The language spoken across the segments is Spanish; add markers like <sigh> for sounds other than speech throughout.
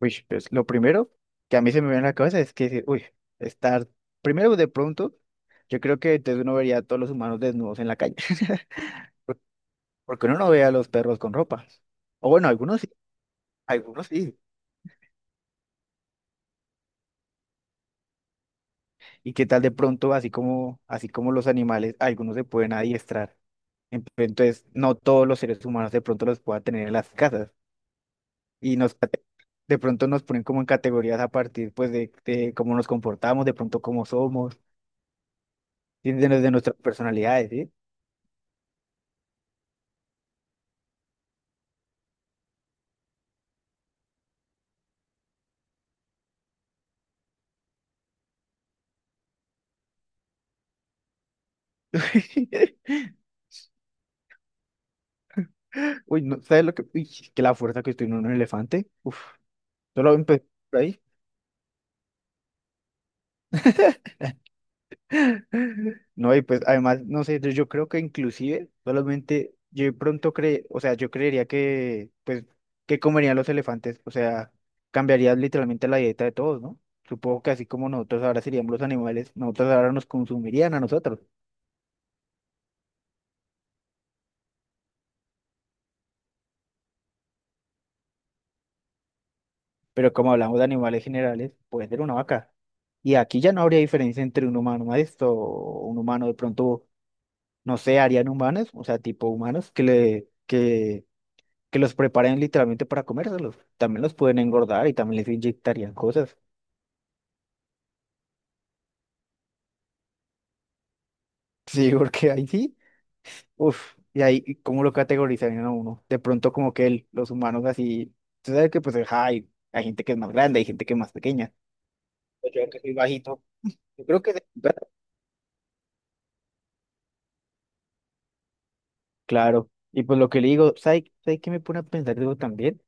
Uy, pues lo primero que a mí se me viene a la cabeza es que, decir, uy, estar, primero de pronto, yo creo que entonces uno vería a todos los humanos desnudos en la calle, <laughs> porque uno no ve a los perros con ropa. O bueno, algunos sí, algunos sí. ¿Y qué tal de pronto, así como los animales, algunos se pueden adiestrar? Entonces, no todos los seres humanos de pronto los pueda tener en las casas. Y nos, de pronto nos ponen como en categorías a partir, pues, de cómo nos comportamos, de pronto cómo somos, y de nuestras personalidades, ¿sí? <laughs> Uy, no, ¿sabes lo que? Uy, que la fuerza que tiene un elefante. Uf, solo empecé por ahí. No, y pues además, no sé, yo creo que inclusive solamente yo de pronto o sea, yo creería que, pues, que comerían los elefantes? O sea, cambiaría literalmente la dieta de todos, ¿no? Supongo que así como nosotros ahora seríamos los animales, nosotros ahora nos consumirían a nosotros. Pero como hablamos de animales generales, puede ser una vaca. Y aquí ya no habría diferencia entre un humano esto, un humano de pronto no sé, harían humanos, o sea, tipo humanos que que los preparen literalmente para comérselos. También los pueden engordar y también les inyectarían cosas. <laughs> Sí, porque ahí sí, uff, y ahí ¿y cómo lo categorizarían a uno? De pronto como que los humanos así, tú sabes que pues ajá, hay gente que es más grande, hay gente que es más pequeña. Pues yo que soy bajito, yo creo que... Claro, y pues lo que le digo, ¿sabes qué me pone a pensar digo también?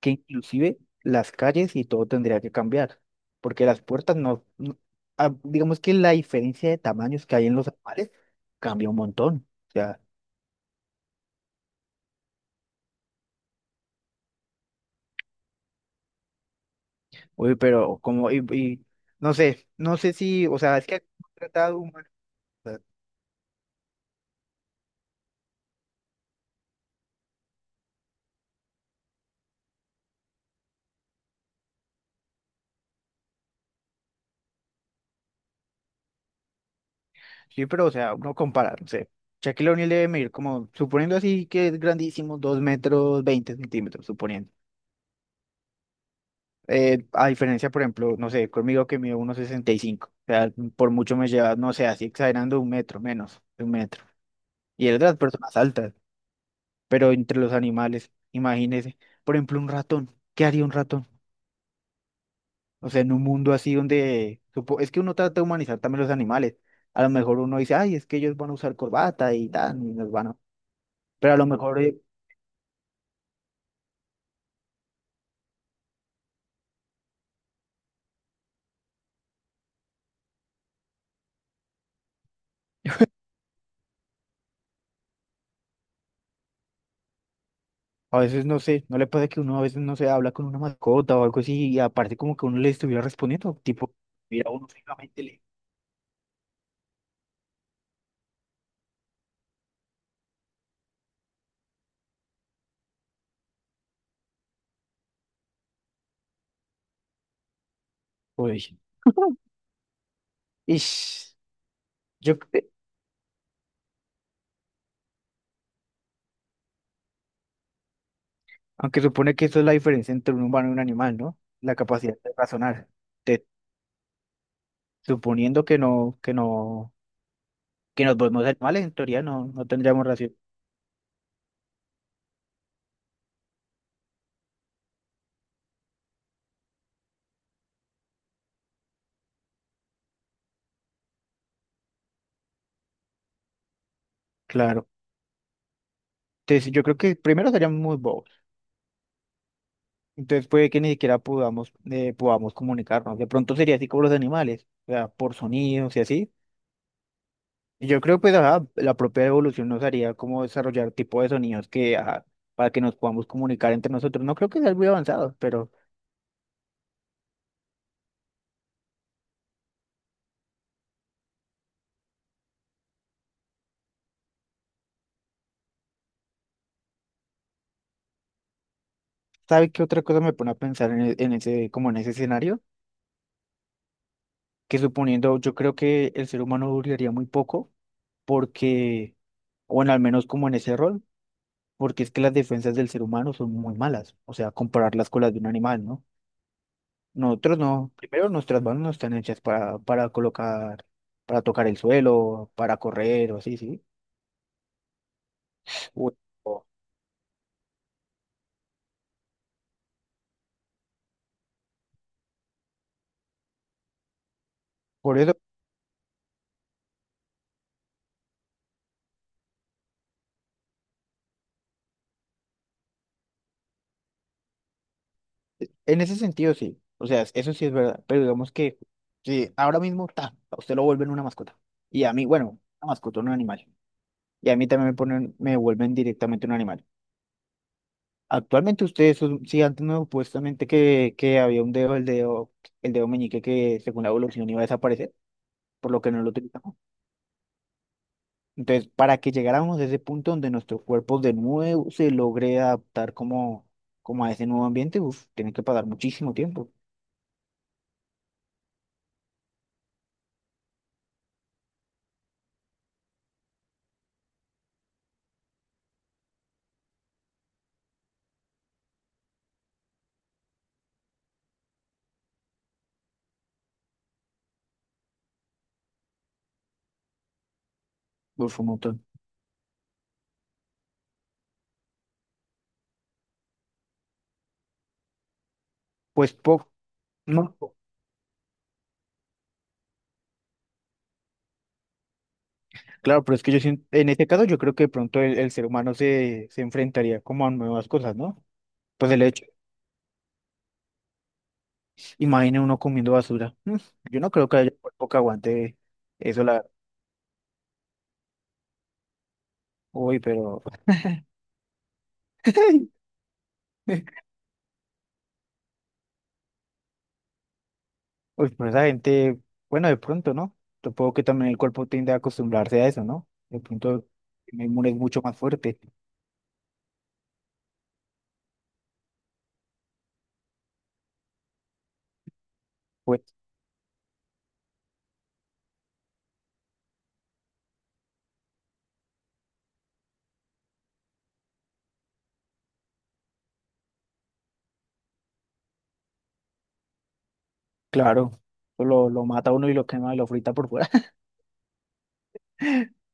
Que inclusive las calles y todo tendría que cambiar, porque las puertas ah, digamos que la diferencia de tamaños que hay en los animales cambia un montón. O sea, uy, pero como, y no sé, no sé si, o sea, es que han tratado humano, o sea, sí, pero o sea, uno compara, no sé. Shaquille O'Neal debe medir como, suponiendo así que es grandísimo, 2 metros 20 centímetros, suponiendo. A diferencia, por ejemplo, no sé, conmigo que mido 1,65. O sea, por mucho me lleva, no sé, así exagerando 1 metro, menos de 1 metro. Y es de las personas altas, pero entre los animales, imagínese, por ejemplo, un ratón. ¿Qué haría un ratón? O sea, en un mundo así donde... Es que uno trata de humanizar también los animales. A lo mejor uno dice, ay, es que ellos van a usar corbata y tal, y nos van a... Pero a lo mejor a veces, no sé, no le pasa que uno a veces, no se habla con una mascota o algo así y aparte como que uno le estuviera respondiendo, tipo... Mira, uno fijamente. Uy. <laughs> Ish. Yo, cre- Aunque supone que eso es la diferencia entre un humano y un animal, ¿no? La capacidad de razonar. Te- Suponiendo que no, que nos volvemos animales, en teoría no, no tendríamos razón. Claro. Entonces, yo creo que primero seríamos muy bobos. Entonces puede que ni siquiera podamos, podamos comunicarnos. De pronto sería así como los animales, o sea, por sonidos y así. Y yo creo pues ajá, la propia evolución nos haría como desarrollar tipo de sonidos que ajá, para que nos podamos comunicar entre nosotros. No creo que sea algo muy avanzado, pero ¿sabe qué otra cosa me pone a pensar en, en ese, como en ese escenario? Que suponiendo, yo creo que el ser humano duraría muy poco, porque, bueno, al menos como en ese rol, porque es que las defensas del ser humano son muy malas, o sea, compararlas con las de un animal, ¿no? Nosotros no, primero nuestras manos no están hechas para colocar, para tocar el suelo, para correr o así, ¿sí? O- o- Por eso. En ese sentido, sí. O sea, eso sí es verdad. Pero digamos que sí, ahora mismo ta, a usted lo vuelven una mascota. Y a mí, bueno, una mascota, un animal. Y a mí también me ponen, me vuelven directamente un animal. Actualmente ustedes, sí, antes no, supuestamente que había un dedo, el dedo meñique que según la evolución iba a desaparecer, por lo que no lo utilizamos. Entonces, para que llegáramos a ese punto donde nuestro cuerpo de nuevo se logre adaptar como, como a ese nuevo ambiente, uf, tiene que pasar muchísimo tiempo. Uf, un montón. Pues poco. No. Claro, pero es que yo siento, en este caso yo creo que de pronto el ser humano se enfrentaría como a nuevas cosas, ¿no? Pues el hecho, imagine uno comiendo basura. Mm. Yo no creo que haya cuerpo que aguante eso la... Uy, pero... <laughs> Uy, pero esa gente, bueno, de pronto, ¿no? Supongo que también el cuerpo tiende a acostumbrarse a eso, ¿no? De pronto el inmune es mucho más fuerte. Pues claro, lo mata uno y lo quema y lo frita por fuera. <laughs>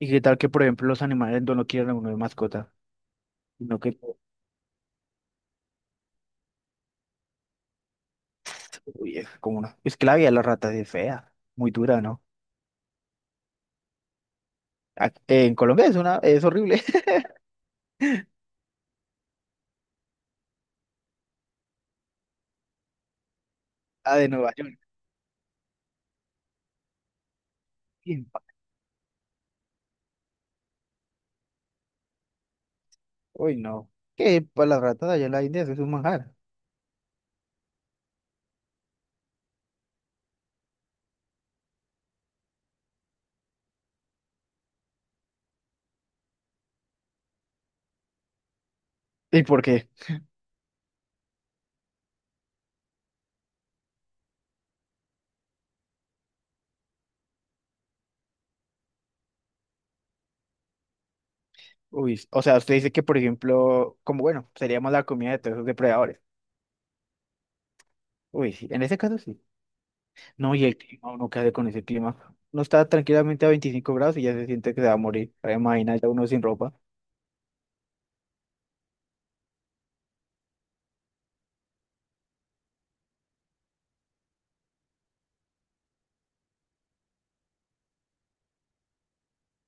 ¿Y qué tal que, por ejemplo, los animales no lo quieran a uno de mascota? Sino que uy, es como una esclavia de las ratas es fea, muy dura, ¿no? En Colombia es una, es horrible. <laughs> La de Nueva York. Bien pa-. Uy, no. Que para las ratas allá en la India eso es un manjar. ¿Y por qué? Uy, o sea, usted dice que, por ejemplo, como bueno, sería más la comida de todos esos depredadores. Uy, sí, en ese caso sí. No, y el clima, uno qué hace con ese clima. Uno está tranquilamente a 25 grados y ya se siente que se va a morir. Ahora imagina ya uno sin ropa.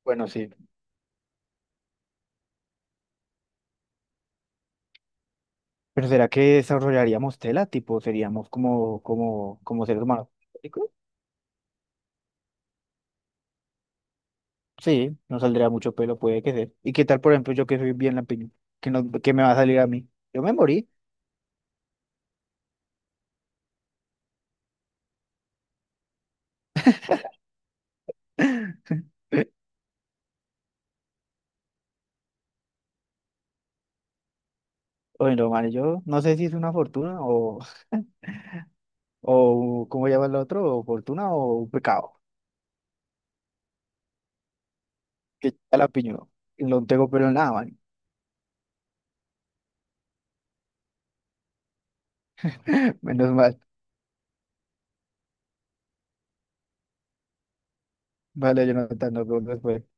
Bueno, sí. Pero ¿será que desarrollaríamos tela? Tipo, seríamos como, como, como seres humanos. Sí, no saldría mucho pelo, puede que sea. ¿Y qué tal, por ejemplo, yo que soy bien lampiño? ¿Qué, no, qué me va a salir a mí? Yo me morí. <laughs> Bueno, man, yo no sé si es una fortuna o ¿cómo llama el otro? O fortuna o un pecado. Que ya lampiño. No tengo pelo en nada, man. <laughs> Menos mal. Vale, yo no tanto,